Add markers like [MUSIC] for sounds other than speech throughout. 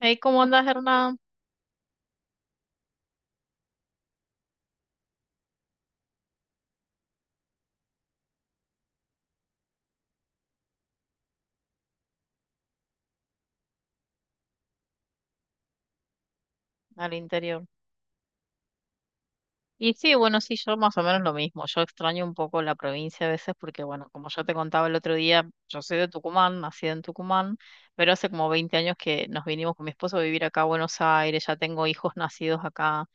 Ahí ¿cómo andas, Hernán? Al interior. Y sí, bueno, sí, yo más o menos lo mismo. Yo extraño un poco la provincia a veces porque, bueno, como yo te contaba el otro día, yo soy de Tucumán, nacida en Tucumán, pero hace como 20 años que nos vinimos con mi esposo a vivir acá a Buenos Aires, ya tengo hijos nacidos acá.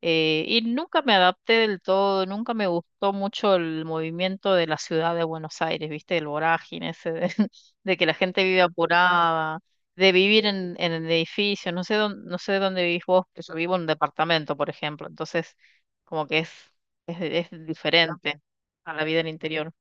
Y nunca me adapté del todo, nunca me gustó mucho el movimiento de la ciudad de Buenos Aires, ¿viste? El vorágine ese de, [LAUGHS] de que la gente vive apurada, de vivir en, el edificio, no sé dónde, no sé dónde vivís vos, pero yo vivo en un departamento, por ejemplo, entonces como que es, es diferente a la vida en el interior.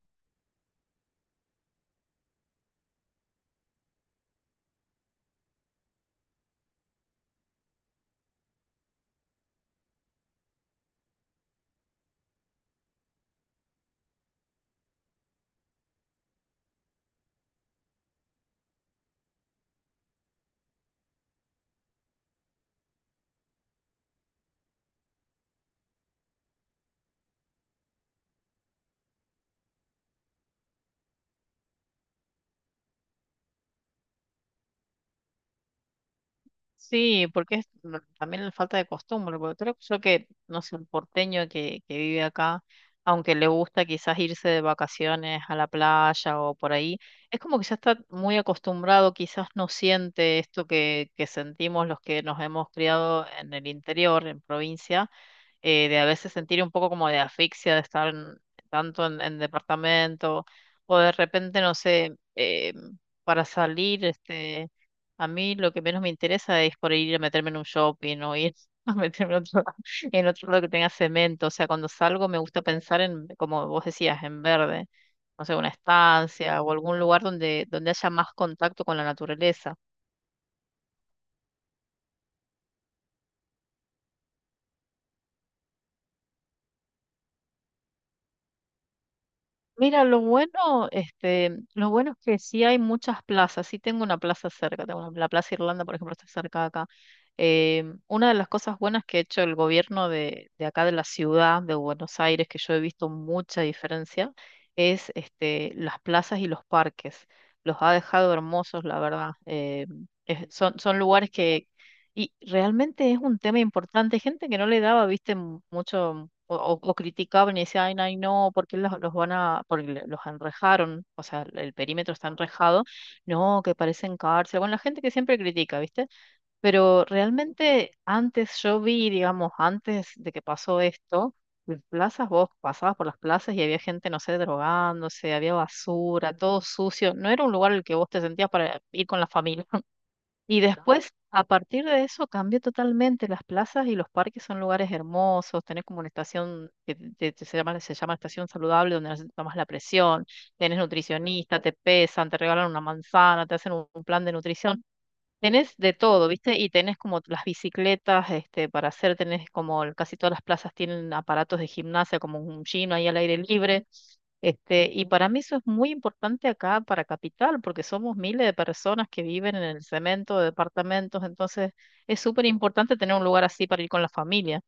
Sí, porque es no, también la falta de costumbre, porque creo yo que, no sé, un porteño que vive acá, aunque le gusta quizás irse de vacaciones a la playa o por ahí, es como que ya está muy acostumbrado, quizás no siente esto que, sentimos los que nos hemos criado en el interior, en provincia. De a veces sentir un poco como de asfixia de estar tanto en departamento, o de repente, no sé, para salir, a mí lo que menos me interesa es por ahí ir a meterme en un shopping o ir [LAUGHS] a meterme en otro, [LAUGHS] en otro lado que tenga cemento. O sea, cuando salgo me gusta pensar en, como vos decías, en verde. No sé, una estancia o algún lugar donde, haya más contacto con la naturaleza. Mira, lo bueno es que sí hay muchas plazas. Sí tengo una plaza cerca, tengo la Plaza Irlanda, por ejemplo, está cerca de acá. Una de las cosas buenas que ha hecho el gobierno de acá de la ciudad de Buenos Aires, que yo he visto mucha diferencia, es las plazas y los parques. Los ha dejado hermosos, la verdad. Son lugares que, y realmente es un tema importante. Gente que no le daba, viste, mucho o, o criticaban y decían, ay, no, ¿por qué los van a, porque los enrejaron? O sea, el perímetro está enrejado. No, que parecen cárcel. Bueno, la gente que siempre critica, viste. Pero realmente antes yo vi, digamos, antes de que pasó esto, en plazas, vos pasabas por las plazas y había gente, no sé, drogándose, había basura, todo sucio. No era un lugar en el que vos te sentías para ir con la familia. Y después, a partir de eso, cambia totalmente. Las plazas y los parques son lugares hermosos. Tenés como una estación que se llama estación saludable, donde tomas la presión, tenés nutricionista, te pesan, te regalan una manzana, te hacen un, plan de nutrición. Tenés de todo, ¿viste? Y tenés como las bicicletas, para hacer, tenés como casi todas las plazas tienen aparatos de gimnasia, como un gym ahí al aire libre. Y para mí eso es muy importante acá para Capital, porque somos miles de personas que viven en el cemento de departamentos, entonces es súper importante tener un lugar así para ir con la familia.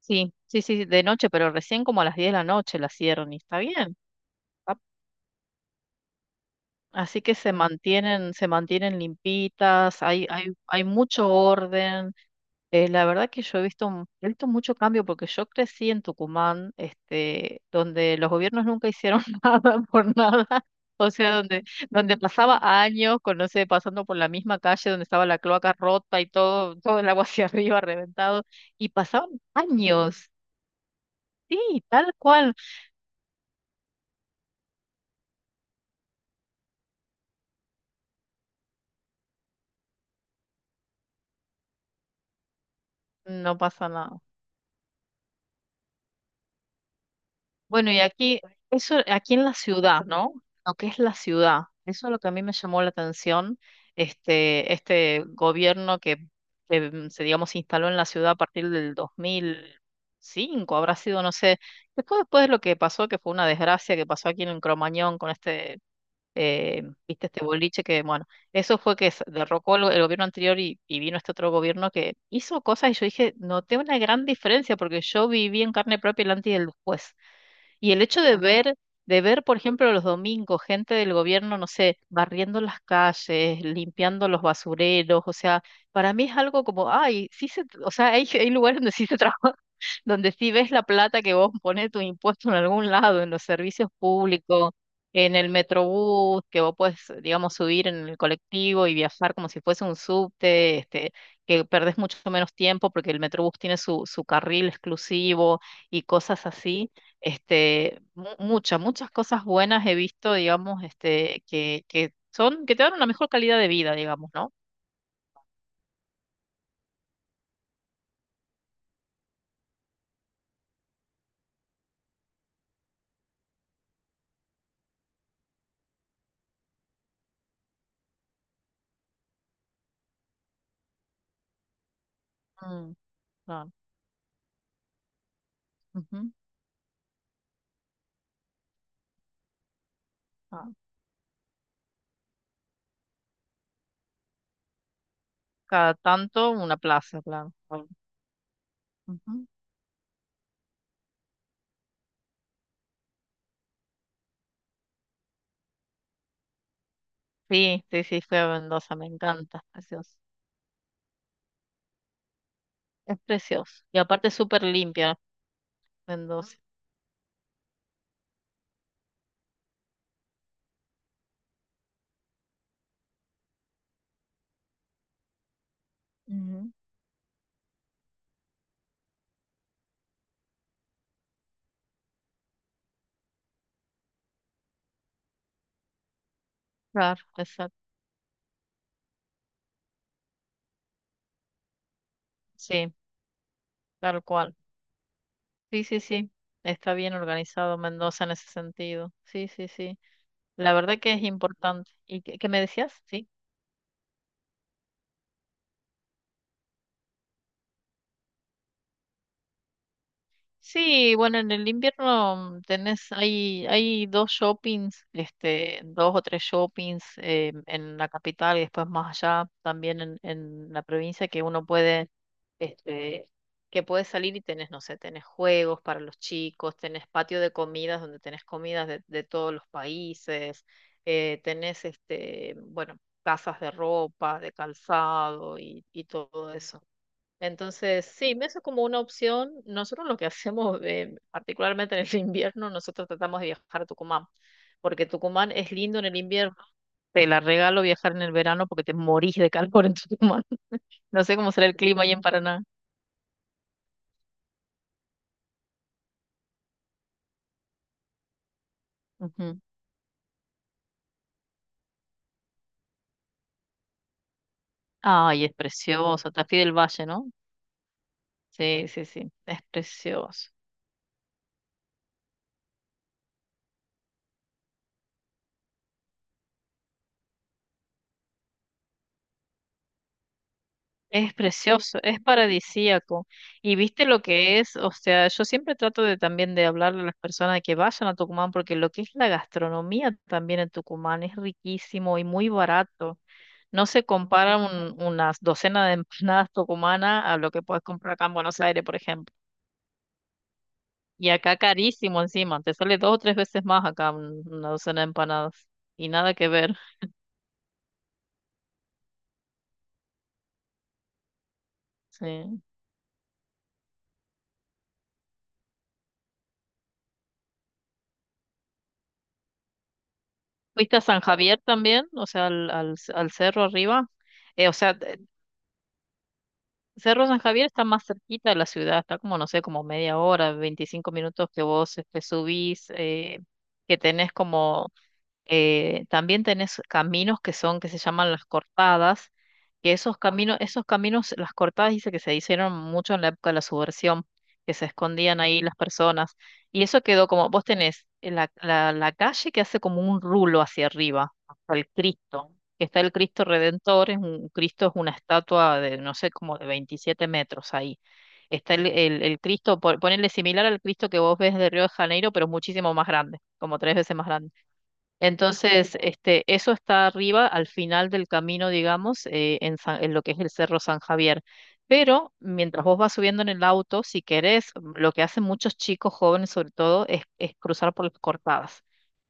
Sí, sí, sí, de noche, pero recién como a las 10 de la noche la cierran y está bien. ¿Tá? Así que se mantienen, limpitas, hay mucho orden. La verdad que yo he visto, he visto mucho cambio porque yo crecí en Tucumán, donde los gobiernos nunca hicieron [LAUGHS] nada por nada. O sea, donde pasaba años, con, no sé, pasando por la misma calle donde estaba la cloaca rota y todo, todo el agua [LAUGHS] hacia arriba reventado. Y pasaban años. Sí, tal cual. No pasa nada. Bueno, y aquí, eso, aquí en la ciudad, ¿no? Lo que es la ciudad, eso es lo que a mí me llamó la atención, este, gobierno que, se, digamos, se instaló en la ciudad a partir del 2005 habrá sido, no sé, después de lo que pasó, que fue una desgracia que pasó aquí en Cromañón con eh, viste, este boliche que, bueno, eso fue que se derrocó el, gobierno anterior y vino este otro gobierno que hizo cosas y yo dije, noté una gran diferencia porque yo viví en carne propia el antes y el después y el hecho de ver, por ejemplo, los domingos, gente del gobierno, no sé, barriendo las calles, limpiando los basureros, o sea, para mí es algo como, ay, sí se, o sea, hay, [LAUGHS] hay lugares donde sí se trabaja, [LAUGHS] donde sí ves la plata que vos pones tu impuesto en algún lado, en los servicios públicos, en el metrobús, que vos puedes, digamos, subir en el colectivo y viajar como si fuese un subte, que perdés mucho menos tiempo porque el metrobús tiene su, carril exclusivo y cosas así, muchas, muchas cosas buenas he visto, digamos, que son, que te dan una mejor calidad de vida, digamos, ¿no? Mm, claro. Ujú, claro. Cada tanto una plaza, claro. Bueno, ujú. Sí, sí, sí, fui a Mendoza, me encanta, es precioso. Es precioso. Y aparte es súper limpia Mendoza. Ujú, claro, exacto. Sí, tal cual. Sí, sí, sí. Está bien organizado Mendoza en ese sentido. Sí, sí, sí. La verdad que es importante. ¿Y qué, me decías? Sí. Sí, bueno, en el invierno tenés, hay dos shoppings, dos o tres shoppings en la capital y después más allá, también en la provincia, que uno puede este, que puedes salir y tenés, no sé, tenés juegos para los chicos, tenés patio de comidas donde tenés comidas de, todos los países, tenés, bueno, casas de ropa, de calzado y todo eso. Entonces, sí, eso es como una opción. Nosotros lo que [LAUGHS] hacemos, particularmente en el invierno, nosotros tratamos de viajar a Tucumán, porque Tucumán es lindo en el invierno. Te la regalo viajar en el verano porque te morís de calor en Tucumán. [LAUGHS] No sé cómo será el clima ahí en Paraná. Ujú. Ay, es precioso, Tafí del Valle, ¿no? Sí, sí, sí, es precioso. Es precioso, es paradisíaco. Y viste lo que es, o sea, yo siempre trato de también de hablarle a las personas de que vayan a Tucumán, porque lo que es la gastronomía también en Tucumán es riquísimo y muy barato. No se compara unas docenas de empanadas tucumanas a lo que puedes comprar acá en Buenos Aires, por ejemplo. Y acá carísimo encima, te sale dos o tres veces más acá una docena de empanadas. Y nada que ver. Sí. ¿Fuiste a San Javier también? O sea, al cerro arriba. O sea, Cerro San Javier está más cerquita de la ciudad, está como, no sé, como media hora, 25 minutos que vos subís, que tenés como también tenés caminos que son, que se llaman las cortadas, que esos caminos, las cortadas dice que se hicieron mucho en la época de la subversión, que se escondían ahí las personas. Y eso quedó como, vos tenés la calle que hace como un rulo hacia arriba, hasta el Cristo, que está el Cristo Redentor, es un Cristo es una estatua de, no sé, como de 27 metros ahí. Está el Cristo, ponerle similar al Cristo que vos ves de Río de Janeiro, pero muchísimo más grande, como tres veces más grande. Entonces, eso está arriba, al final del camino, digamos, en lo que es el Cerro San Javier. Pero mientras vos vas subiendo en el auto, si querés, lo que hacen muchos chicos jóvenes sobre todo es, cruzar por las cortadas.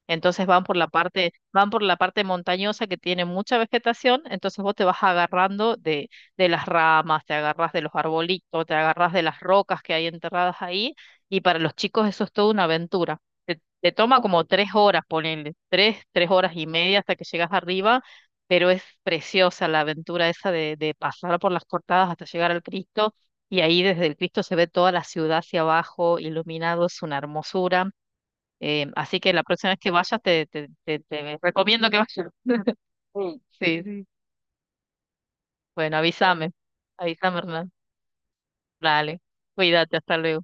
Entonces van por la parte montañosa que tiene mucha vegetación, entonces vos te vas agarrando de las ramas, te agarras de los arbolitos, te agarras de las rocas que hay enterradas ahí, y para los chicos eso es toda una aventura. Te, toma como 3 horas, ponele, tres horas y media hasta que llegas arriba, pero es preciosa la aventura esa de pasar por las cortadas hasta llegar al Cristo, y ahí desde el Cristo se ve toda la ciudad hacia abajo, iluminado, es una hermosura. Así que la próxima vez que vayas te, recomiendo que vayas. Sí, sí. Bueno, avísame. Avísame, Hernán. Dale. Cuídate, hasta luego.